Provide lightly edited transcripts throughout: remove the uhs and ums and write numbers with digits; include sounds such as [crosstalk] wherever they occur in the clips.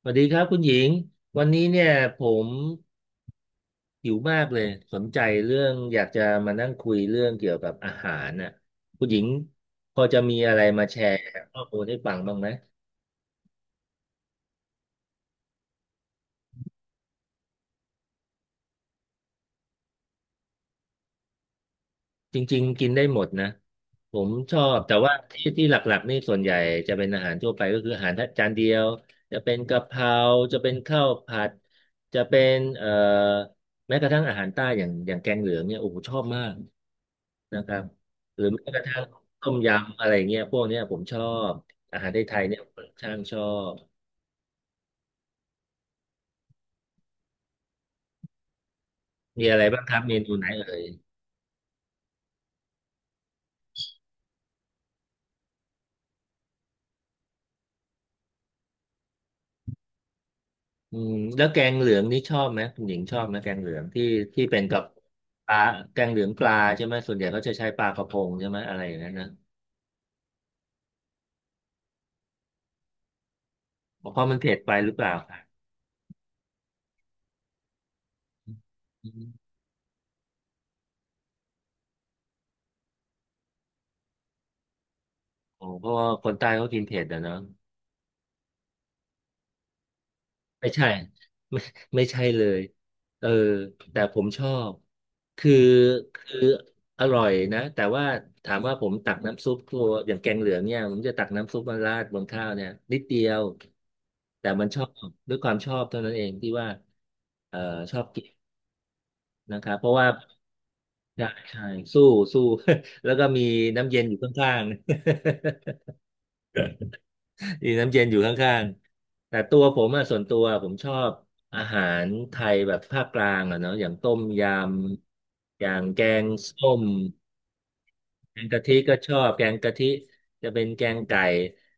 สวัสดีครับคุณหญิงวันนี้เนี่ยผมหิวมากเลยสนใจเรื่องอยากจะมานั่งคุยเรื่องเกี่ยวกับอาหารน่ะคุณหญิงพอจะมีอะไรมาแชร์ข้อมูลให้ฟังบ้างไหมจริงๆกินได้หมดนะผมชอบแต่ว่าที่ที่หลักๆนี่ส่วนใหญ่จะเป็นอาหารทั่วไปก็คืออาหารจานเดียวจะเป็นกะเพราจะเป็นข้าวผัดจะเป็นแม้กระทั่งอาหารใต้อย่างแกงเหลืองเนี่ยโอ้โหชอบมาก นะครับหรือแม้กระทั่งต้มยำอะไรเงี้ยพวกเนี้ยผมชอบอาหารไทยๆเนี่ยผมช่างชอบมีอะไรบ้างครับเมนูไหนเอ่ยอืมแล้วแกงเหลืองนี่ชอบไหมคุณหญิงชอบไหมแกงเหลืองที่ที่เป็นกับปลาแกงเหลืองปลาใช่ไหมส่วนใหญ่เขาจะใช้ปลากระพงใช่ไหมอะไรอย่างนั้นนะเพราะมันเผ็ดไปหรือเปล่าครับอมโอเพราะว่าคนใต้เขากินเผ็ดอะเนาะ ไม่ใช่ไม่ไม่ใช่เลยเออแต่ผมชอบคือคืออร่อยนะแต่ว่าถามว่าผมตักน้ำซุปตัวอย่างแกงเหลืองเนี่ยผมจะตักน้ำซุปมาราดบนข้าวเนี่ยนิดเดียวแต่มันชอบด้วยความชอบเท่านั้นเองที่ว่าเออชอบกินนะครับเพราะว่าใช่สู้สู้ [laughs] แล้วก็มีน้ำเย็นอยู่ข้างๆ อีน้ำเย็นอยู่ข้างๆแต่ตัวผมอะส่วนตัวผมชอบอาหารไทยแบบภาคกลางอะเนาะอย่างต้มยำอย่างแกงส้มแกงกะทิก็ชอบแกงกะทิจะเป็นแกงไก่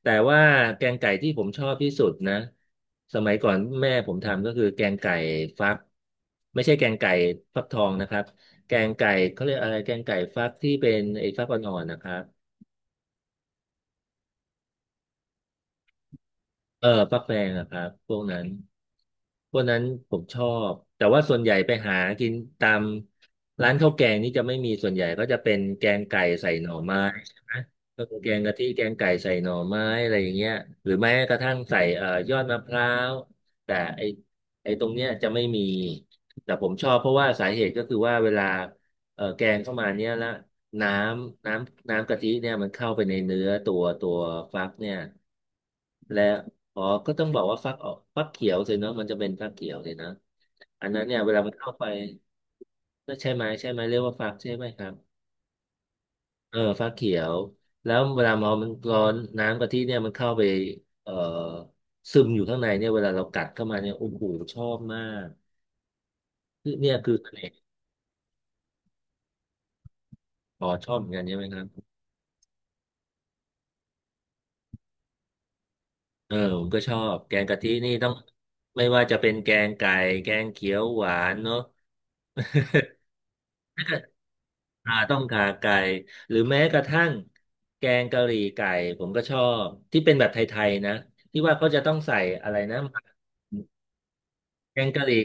แต่ว่าแกงไก่ที่ผมชอบที่สุดนะสมัยก่อนแม่ผมทำก็คือแกงไก่ฟักไม่ใช่แกงไก่ฟักทองนะครับแกงไก่เขาเรียกอะไรแกงไก่ฟักที่เป็นไอ้ฟักอ่อนๆนะครับ เออฟักแฟงอะครับพวกนั้นผมชอบแต่ว่าส่วนใหญ่ไปหากินตามร้านข้าวแกงนี่จะไม่มีส่วนใหญ่ก็จะเป็นแกงไก่ใส่หน่อไม้ใช่ไหมก็คือแกงกะทิแกงไก่ใส่หน่อไม้อะไรอย่างเงี้ยหรือแม้กระทั่งใส่ยอดมะพร้าวแต่ไอตรงเนี้ยจะไม่มีแต่ผมชอบเพราะว่าสาเหตุก็คือว่าเวลาแกงเข้ามาเนี้ยแล้วน้น้ำกะทิเนี่ยมันเข้าไปในเนื้อตัวฟักเนี่ยและ อ๋อก็ต้องบอกว่าฟักออกฟักเขียวสิเนอะมันจะเป็นฟักเขียวสินะอันนั้นเนี่ยเวลามันเข้าไปก็ใช่ไหมใช่ไหมเรียกว่าฟักใช่ไหมครับเออฟักเขียวแล้วเวลาเอามันร้อนน้ำกะทิเนี่ยมันเข้าไปเอ่อซึมอยู่ข้างในเนี่ยเวลาเรากัดเข้ามาเนี่ยโอ้โหชอบมากคือเนี่ยคือเสน่ห์อ๋อชอบเหมือนกันใช่ไหมครับเออผมก็ชอบแกงกะทินี่ต้องไม่ว่าจะเป็นแกงไก่แกงเขียวหวานเนาะ [laughs] อ่าต้มข่าไก่หรือแม้กระทั่งแกงกะหรี่ไก่ผมก็ชอบที่เป็นแบบไทยๆนะที่ว่าเขาจะต้องใส่อะไรนะแกงกะหรี่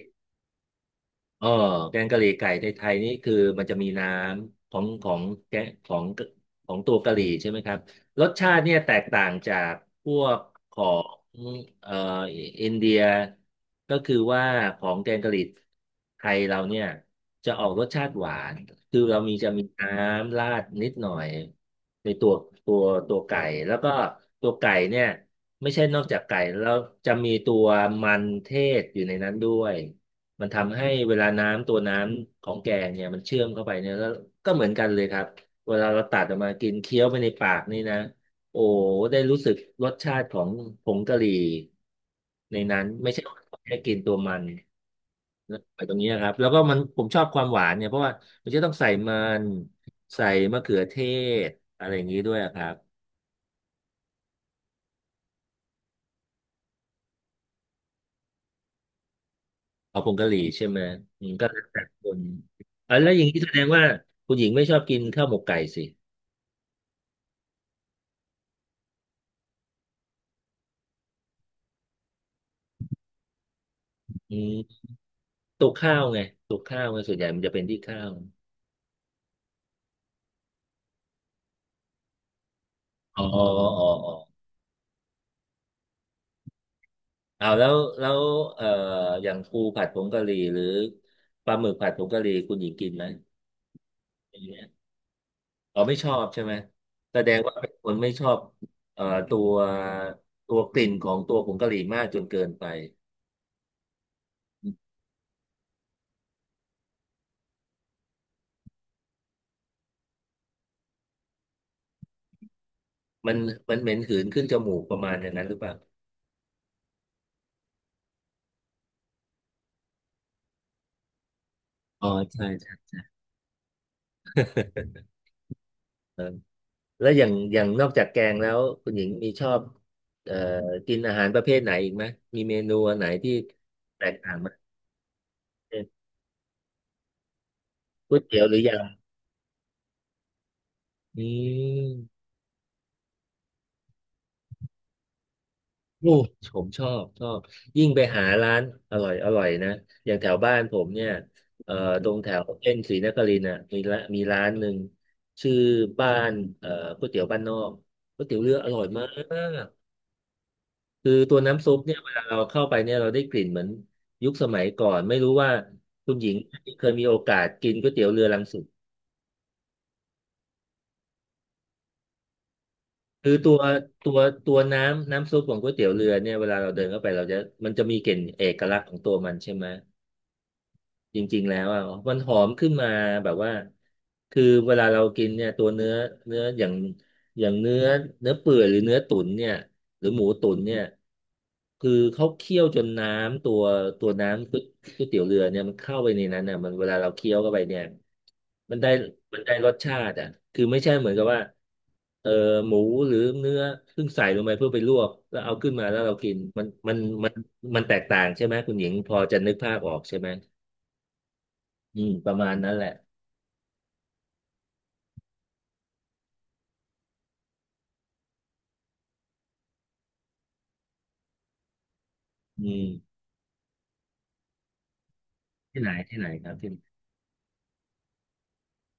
เออแกงกะหรี่ไก่ในไทยนี่คือมันจะมีน้ำของแกงของตัวกะหรี่ใช่ไหมครับรสชาติเนี่ยแตกต่างจากพวกของเอ่ออินเดียก็คือว่าของแกงกะหรี่ไทยเราเนี่ยจะออกรสชาติหวานคือเรามีจะมีน้ำราดนิดหน่อยในตัวตัวไก่แล้วก็ตัวไก่เนี่ยไม่ใช่นอกจากไก่แล้วจะมีตัวมันเทศอยู่ในนั้นด้วย มันทำให้เวลาน้ำตัวน้ำของแกงเนี่ยมันเชื่อมเข้าไปเนี่ยก็เหมือนกันเลยครับเวลาเราตัดออกมากินเคี้ยวไปในปากนี่นะโอ้ได้รู้สึกรสชาติของผงกะหรี่ในนั้นไม่ใช่แค่กินตัวมันนะไปตรงนี้นะครับแล้วก็มันผมชอบความหวานเนี่ยเพราะว่ามันจะต้องใส่มันใส่มะเขือเทศอะไรอย่างนี้ด้วยอะครับเอาผงกะหรี่ใช่ไหมอืมก็แล้วแต่คนอ่ะแล้วอย่างนี้แสดงว่าคุณหญิงไม่ชอบกินข้าวหมกไก่สิอืม ตุกข้าวไงตุกข้าวไงส่วนใหญ่มันจะเป็นที่ข้าวอ๋ออ๋อเอาแล้วแล้วเอ่ออย่างปูผัดผงกะหรี่หรือปลาหมึกผัดผงกะหรี่คุณหญิงกินไหมอย่างเงี้ยอ๋อไม่ชอบใช่ไหมแสดงว่าเป็นคนไม่ชอบเอ่อตัวตัวกลิ่นของตัวผงกะหรี่มากจนเกินไปมันมันเหม็นหืนขึ้นจมูกประมาณอย่างนั้นหรือเปล่าอ๋อใช่ใช่ แล้วอย่างนอกจากแกงแล้วคุณหญิงมีชอบเอ่อกินอาหารประเภทไหนอีกไหมมีเมนูอันไหนที่แตกต่างไหมเช่นก๋วยเตี๋ยวหรือยำอืมโอ้ผมชอบยิ่งไปหาร้านอร่อยนะอย่างแถวบ้านผมเนี่ยเอ่อตรงแถวเส้นศรีนครินทร์น่ะมีละมีร้านหนึ่งชื่อบ้านเอ่อก๋วยเตี๋ยวบ้านนอกก๋วยเตี๋ยวเรืออร่อยมาก คือตัวน้ำซุปเนี่ยเวลาเราเข้าไปเนี่ยเราได้กลิ่นเหมือนยุคสมัยก่อนไม่รู้ว่าคุณหญิงเคยมีโอกาสกินก๋วยเตี๋ยวเรือรังสิตคือตัวตัวน้ำซุปของก๋วยเตี๋ยวเรือเนี่ยเวลาเราเดินเข้าไปเราจะมันจะมีกลิ่นเอกลักษณ์ของตัวมันใช่ไหม จริงๆแล้วอ่ะมันหอมขึ้นมาแบบว่าคือเวลาเรากินเนี่ยตัวเนื้อเนื้ออย่างเนื้อเปื่อยหรือเนื้อตุ๋นเนี่ยหรือหมูตุ๋นเนี่ยคือเขาเคี่ยวจนน้ำตัวตัวน้ำก๋วยเตี๋ยวเรือเนี่ยมันเข้าไปในนั้นเนี่ยมันเวลาเราเคี้ยวเข้าไปเนี่ยมันได้มันได้รสชาติอ่ะคือไม่ใช่เหมือนกับว่าเออหมูหรือเนื้อเพิ่งใส่ลงไปเพื่อไปลวกแล้วเอาขึ้นมาแล้วเรากินมันมันแตกต่างใช่ไหมคุณหญิงพอจะนึกภาพออกใช่ไหม อืมประมาณนั้นแหละอืมที่ไหนครับที่ไหน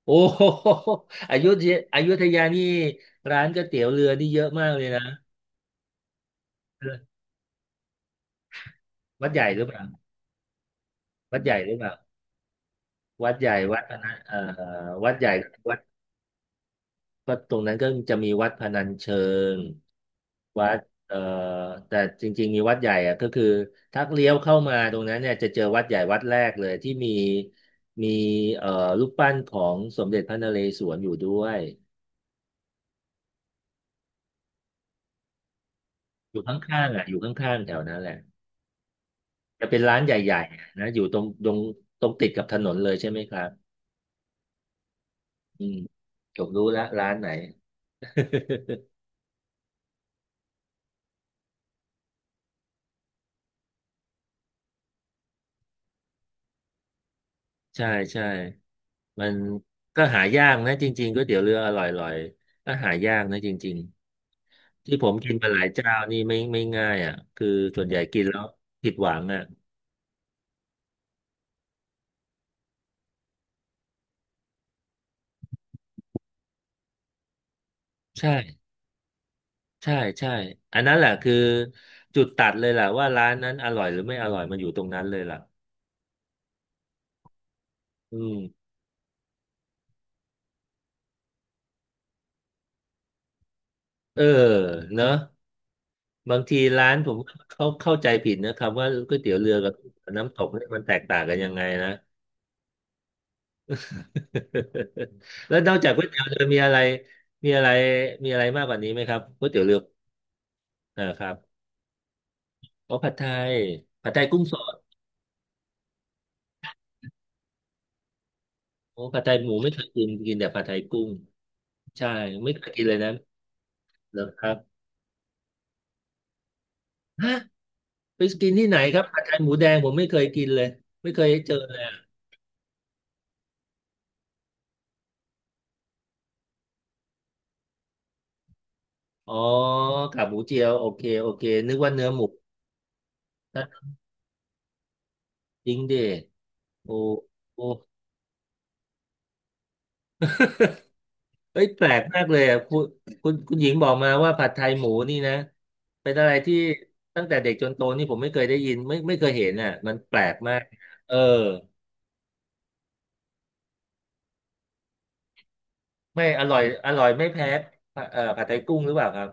โอ้ [laughs] โหอยุธยาอยุธยานี่ร้านก๋วยเตี๋ยวเรือนี่เยอะมากเลยนะวัดใหญ่หรือเปล่าวัดใหญ่หรือเปล่าวัดใหญ่วัดพนันวัดใหญ่วัดก็ตรงนั้นก็จะมีวัดพนัญเชิงวัดเอ่อแต่จริงๆมีวัดใหญ่อะก็คือถ้าเลี้ยวเข้ามาตรงนั้นเนี่ยจะเจอวัดใหญ่วัดแรกเลยที่มีเอ่อรูปปั้นของสมเด็จพระนเรศวรอยู่ด้วยอยู่ข้างๆอ่ะอยู่ข้างๆแถวนั้นแหละ จะเป็นร้านใหญ่ๆนะอยู่ตรงติดกับถนนเลยใช่ไหมครับอืมผมรู้แล้วร้านไหน [laughs] ใช่ใช่มันก็หายากนะจริงๆก๋วยเตี๋ยวเรืออร่อยๆก็หายากนะจริงๆที่ผมกินมาหลายเจ้านี่ไม่ง่ายอ่ะคือส่วนใหญ่กินแล้วผิดหวังอ่ะใช่ใช่ใช่อันนั้นแหละคือจุดตัดเลยแหละว่าร้านนั้นอร่อยหรือไม่อร่อยมันอยู่ตรงนั้นเลยล่ะอืมเออเนอะ บางทีร้านผมเขาเข้าใจผิดนะครับว่าก๋วยเตี๋ยวเรือกับน้ำตกเนี่ยมันแตกต่างกันยังไงนะ [laughs] แล้วนอกจากก๋วยเตี๋ยวเรือมีอะไรมีอะไรมีอะไรมากกว่านี้ไหมครับก๋วยเตี๋ยวเรืออ่าครับโอ้ผัดไทยผัดไทยกุ้งสดโอ้ผัดไทยหมูไม่เคยกินกินแต่ผัดไทยกุ้งใช่ไม่เคยกินเลยนะเหรอครับฮะไปกินที่ไหนครับผัดไทยหมูแดงผมไม่เคยกินเลยไม่เคยเจอเลยอ๋อกากหมูเจียวโอเคโอเคนึกว่าเนื้อหมู [laughs] จริงดิโอ้โอ้ เอ้ยแปลกมากเลยอ่ะคุณหญิงบอกมาว่าผัดไทยหมูนี่นะเป็นอะไรที่ตั้งแต่เด็กจนโตนี่ผมไม่เคยได้ยินไม่เคยเห็นอ่ะมันแปลกมากเออไม่อร่อยอร่อยไม่แพ้ผัดไทยกุ้งหรือเปล่าครับ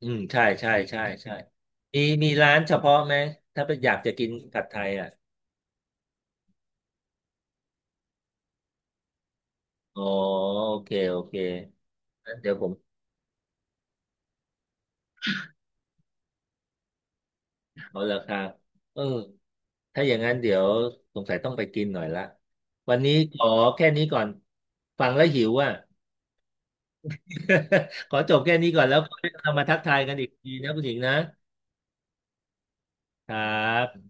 อืมใช่ใช่ใช่ใช่มีมีร้านเฉพาะไหมถ้าเป็นอยากจะกินผัดไทยอ่ะอ๋อโอเคโอเคงั้นเดี๋ยวผมเอาละครับเออถ้าอย่างนั้นเดี๋ยวสงสัยต้องไปกินหน่อยละวันนี้ขอแค่นี้ก่อนฟังแล้วหิวอ่ะ [laughs] ขอจบแค่นี้ก่อนแล้วค่อยเรามาทักทายกันอีกทีนะคุณหญิงนะครับ